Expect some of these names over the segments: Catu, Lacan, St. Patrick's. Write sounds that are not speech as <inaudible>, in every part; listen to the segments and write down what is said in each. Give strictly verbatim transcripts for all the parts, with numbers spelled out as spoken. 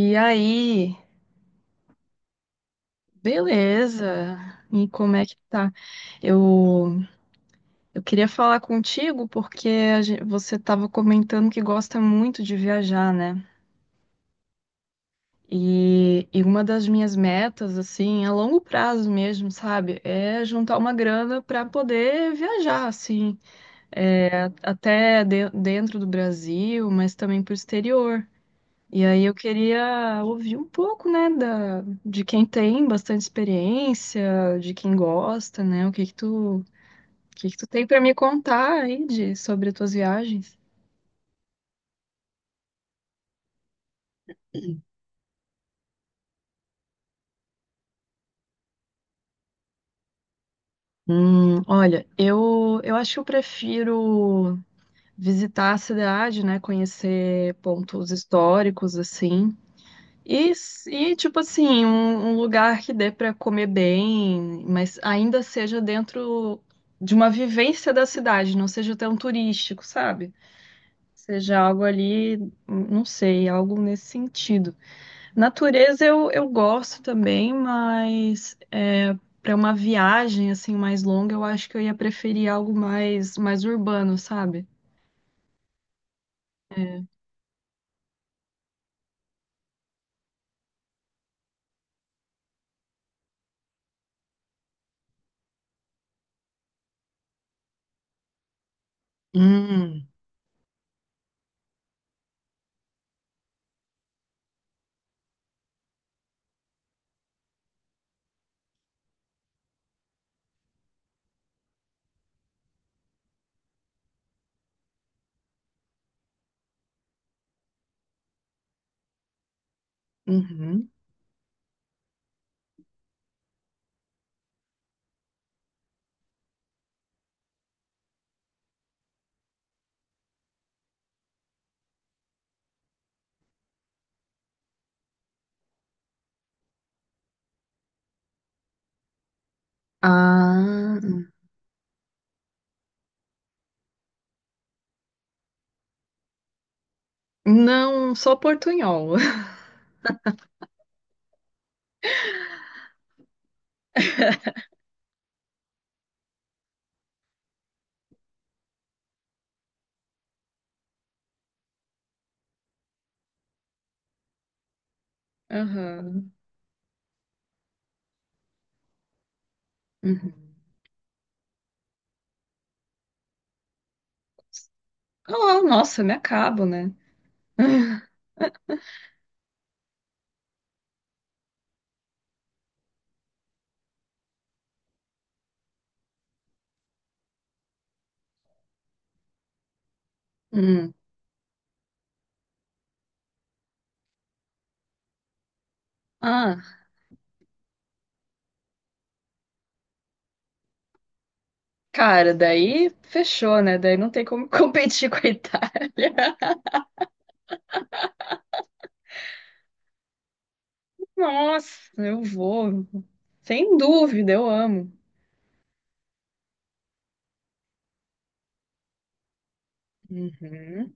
E aí, beleza? E como é que tá? Eu, eu queria falar contigo porque a gen- você estava comentando que gosta muito de viajar, né? E, e uma das minhas metas, assim, a longo prazo mesmo, sabe? É juntar uma grana para poder viajar, assim, é, até de- dentro do Brasil, mas também para o exterior. E aí eu queria ouvir um pouco, né, da, de quem tem bastante experiência, de quem gosta, né? O que que tu, o que que tu tem para me contar aí de, sobre as tuas viagens? Hum, olha, eu, eu acho que eu prefiro visitar a cidade, né? Conhecer pontos históricos, assim. E, s- e tipo assim, um, um lugar que dê para comer bem, mas ainda seja dentro de uma vivência da cidade, não seja tão turístico, sabe? Seja algo ali, não sei, algo nesse sentido. Natureza eu, eu gosto também, mas é, para uma viagem assim mais longa, eu acho que eu ia preferir algo mais, mais urbano, sabe? Hum, uhum. Ah, não, só Portunhol. <laughs> Aham. Uhum. Ah, nossa, me acabo, né? Hum. Ah, cara, daí fechou, né? Daí não tem como <laughs> competir com a Itália. Nossa, eu vou. Sem dúvida, eu amo. Uhum.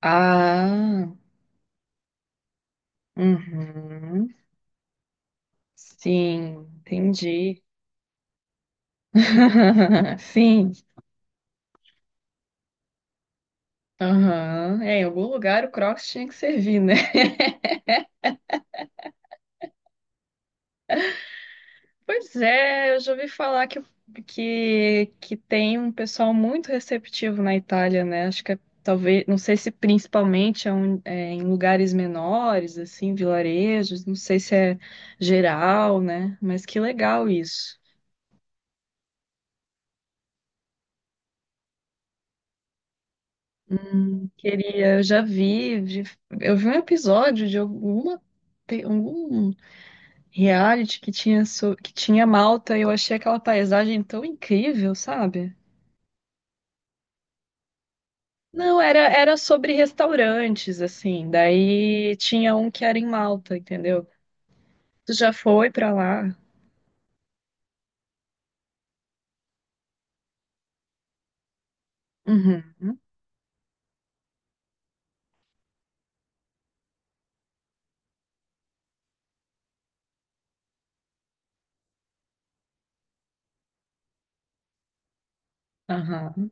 Ah, uhum. Sim, entendi. <laughs> Sim. Aham. É, em algum lugar o Crocs tinha que servir, né? Pois é, eu já ouvi falar que, que, que tem um pessoal muito receptivo na Itália, né? Acho que é, talvez, não sei se principalmente é, um- é em lugares menores, assim, vilarejos, não sei se é geral, né? Mas que legal isso. Queria, eu já vi, de- eu vi um episódio de alguma, pe- algum reality que tinha, so- que tinha Malta e eu achei aquela paisagem tão incrível, sabe? Não, era, era sobre restaurantes, assim. Daí tinha um que era em Malta, entendeu? Tu já foi pra lá? Uhum, aham.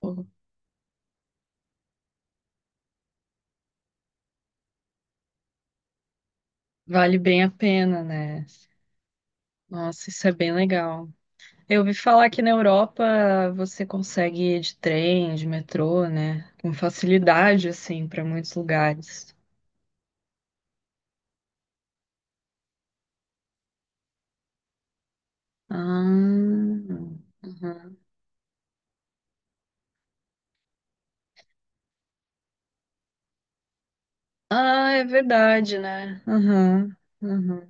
Pô, vale bem a pena, né? Nossa, isso é bem legal. Eu ouvi falar que na Europa você consegue ir de trem, de metrô, né? Com facilidade, assim, para muitos lugares. Ah, uhum. Ah, é verdade, né? Aham, aham.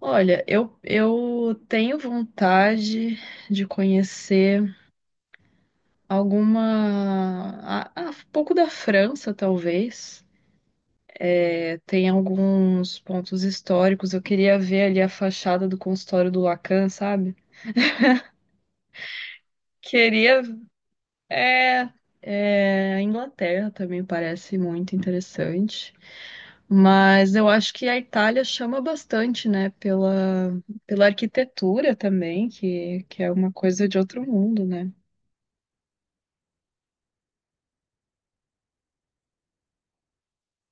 Olha, eu, eu tenho vontade de conhecer alguma. A, a- um pouco da França, talvez. É, tem alguns pontos históricos. Eu queria ver ali a fachada do consultório do Lacan, sabe? Queria. É, é, a Inglaterra também parece muito interessante. Mas eu acho que a Itália chama bastante, né? Pela, pela arquitetura também, que, que é uma coisa de outro mundo, né?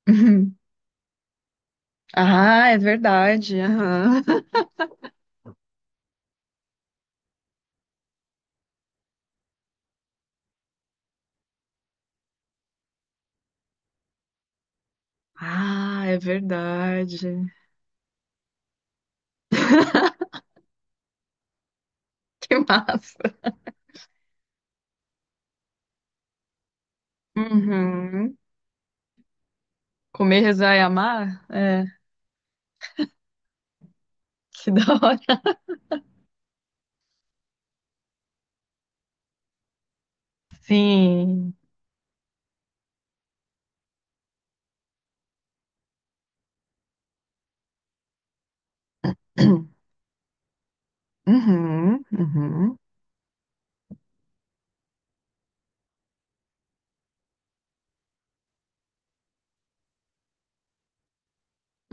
<laughs> Ah, é verdade. Aham. Ah, é verdade. <laughs> Que massa. Uhum. Comer, rezar e amar? É, que da hora. Sim. <clears throat> Uhum, uhum,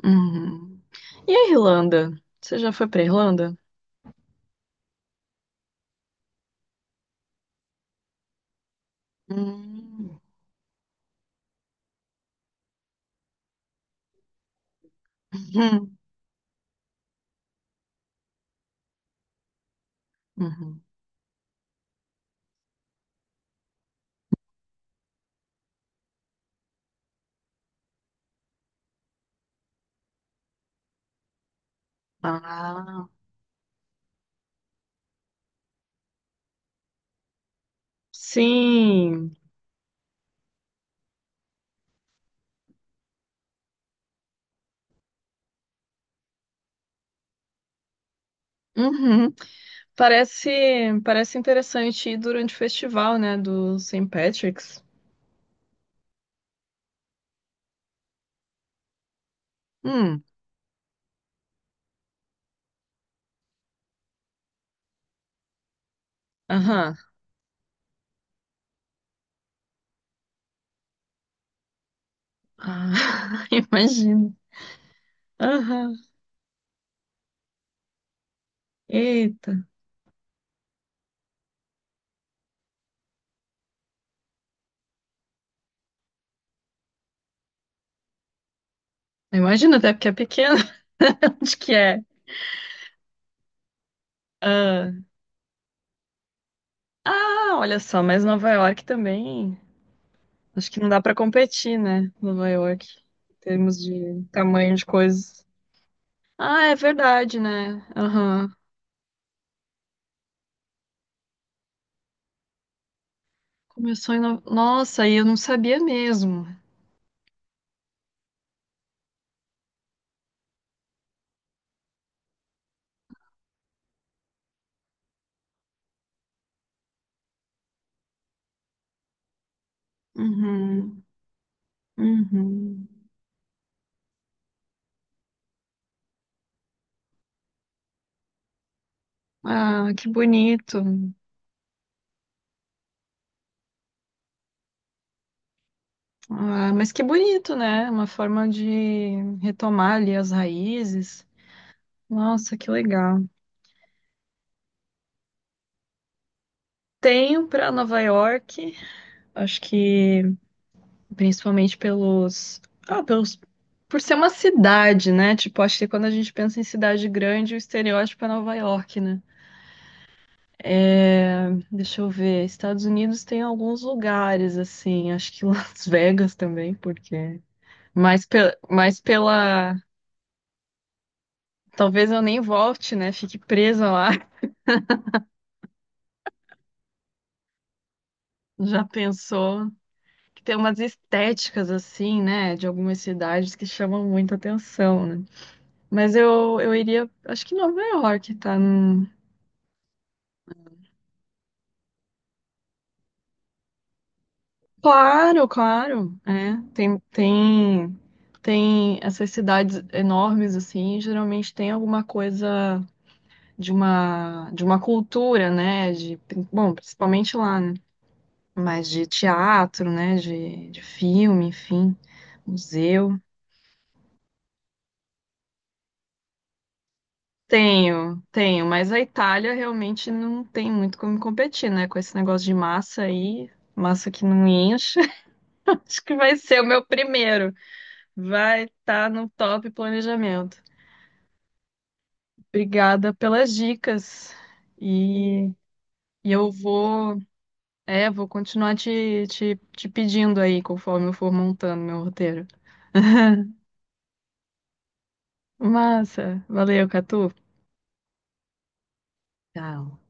uhum. E a Irlanda? Você já foi pra Irlanda? Hum, Uhum. Uhum. Ah, sim. Uhum. Parece, parece interessante ir durante o festival, né, do saint Patrick's. Hum, aham. Ah, <laughs> imagino. Aham. Eita. Imagina até porque é pequena. <laughs> Onde que é? Ah. Ah, olha só, mas Nova York também. Acho que não dá pra competir, né? Nova York. Em termos de tamanho de coisas. Ah, é verdade, né? Aham. Começou em. No... Nossa, e eu não sabia mesmo. Uhum. Uhum. Ah, que bonito. Ah, mas que bonito, né? Uma forma de retomar ali as raízes. Nossa, que legal. Tenho para Nova York, acho que principalmente pelos, ah, pelos, por ser uma cidade, né? Tipo, acho que quando a gente pensa em cidade grande, o estereótipo é Nova York, né? É, deixa eu ver, Estados Unidos tem alguns lugares assim, acho que <laughs> Las Vegas também, porque mais pela, mais pela, talvez eu nem volte, né? Fique presa lá. <laughs> Já pensou? Que tem umas estéticas assim, né, de algumas cidades que chamam muita atenção, né? Mas eu, eu iria, acho que Nova York tá no. Claro, claro, é. Tem, tem, tem essas cidades enormes assim, geralmente tem alguma coisa de uma, de uma cultura, né, de, bom, principalmente lá, né? Mas de teatro, né, de, de filme, enfim, museu. Tenho, tenho, mas a Itália realmente não tem muito como competir, né? Com esse negócio de massa aí, massa que não enche. <laughs> Acho que vai ser o meu primeiro. Vai estar no top planejamento. Obrigada pelas dicas. E, e eu vou, é, vou continuar te, te, te pedindo aí conforme eu for montando meu roteiro. <laughs> Massa, valeu, Catu. Tchau.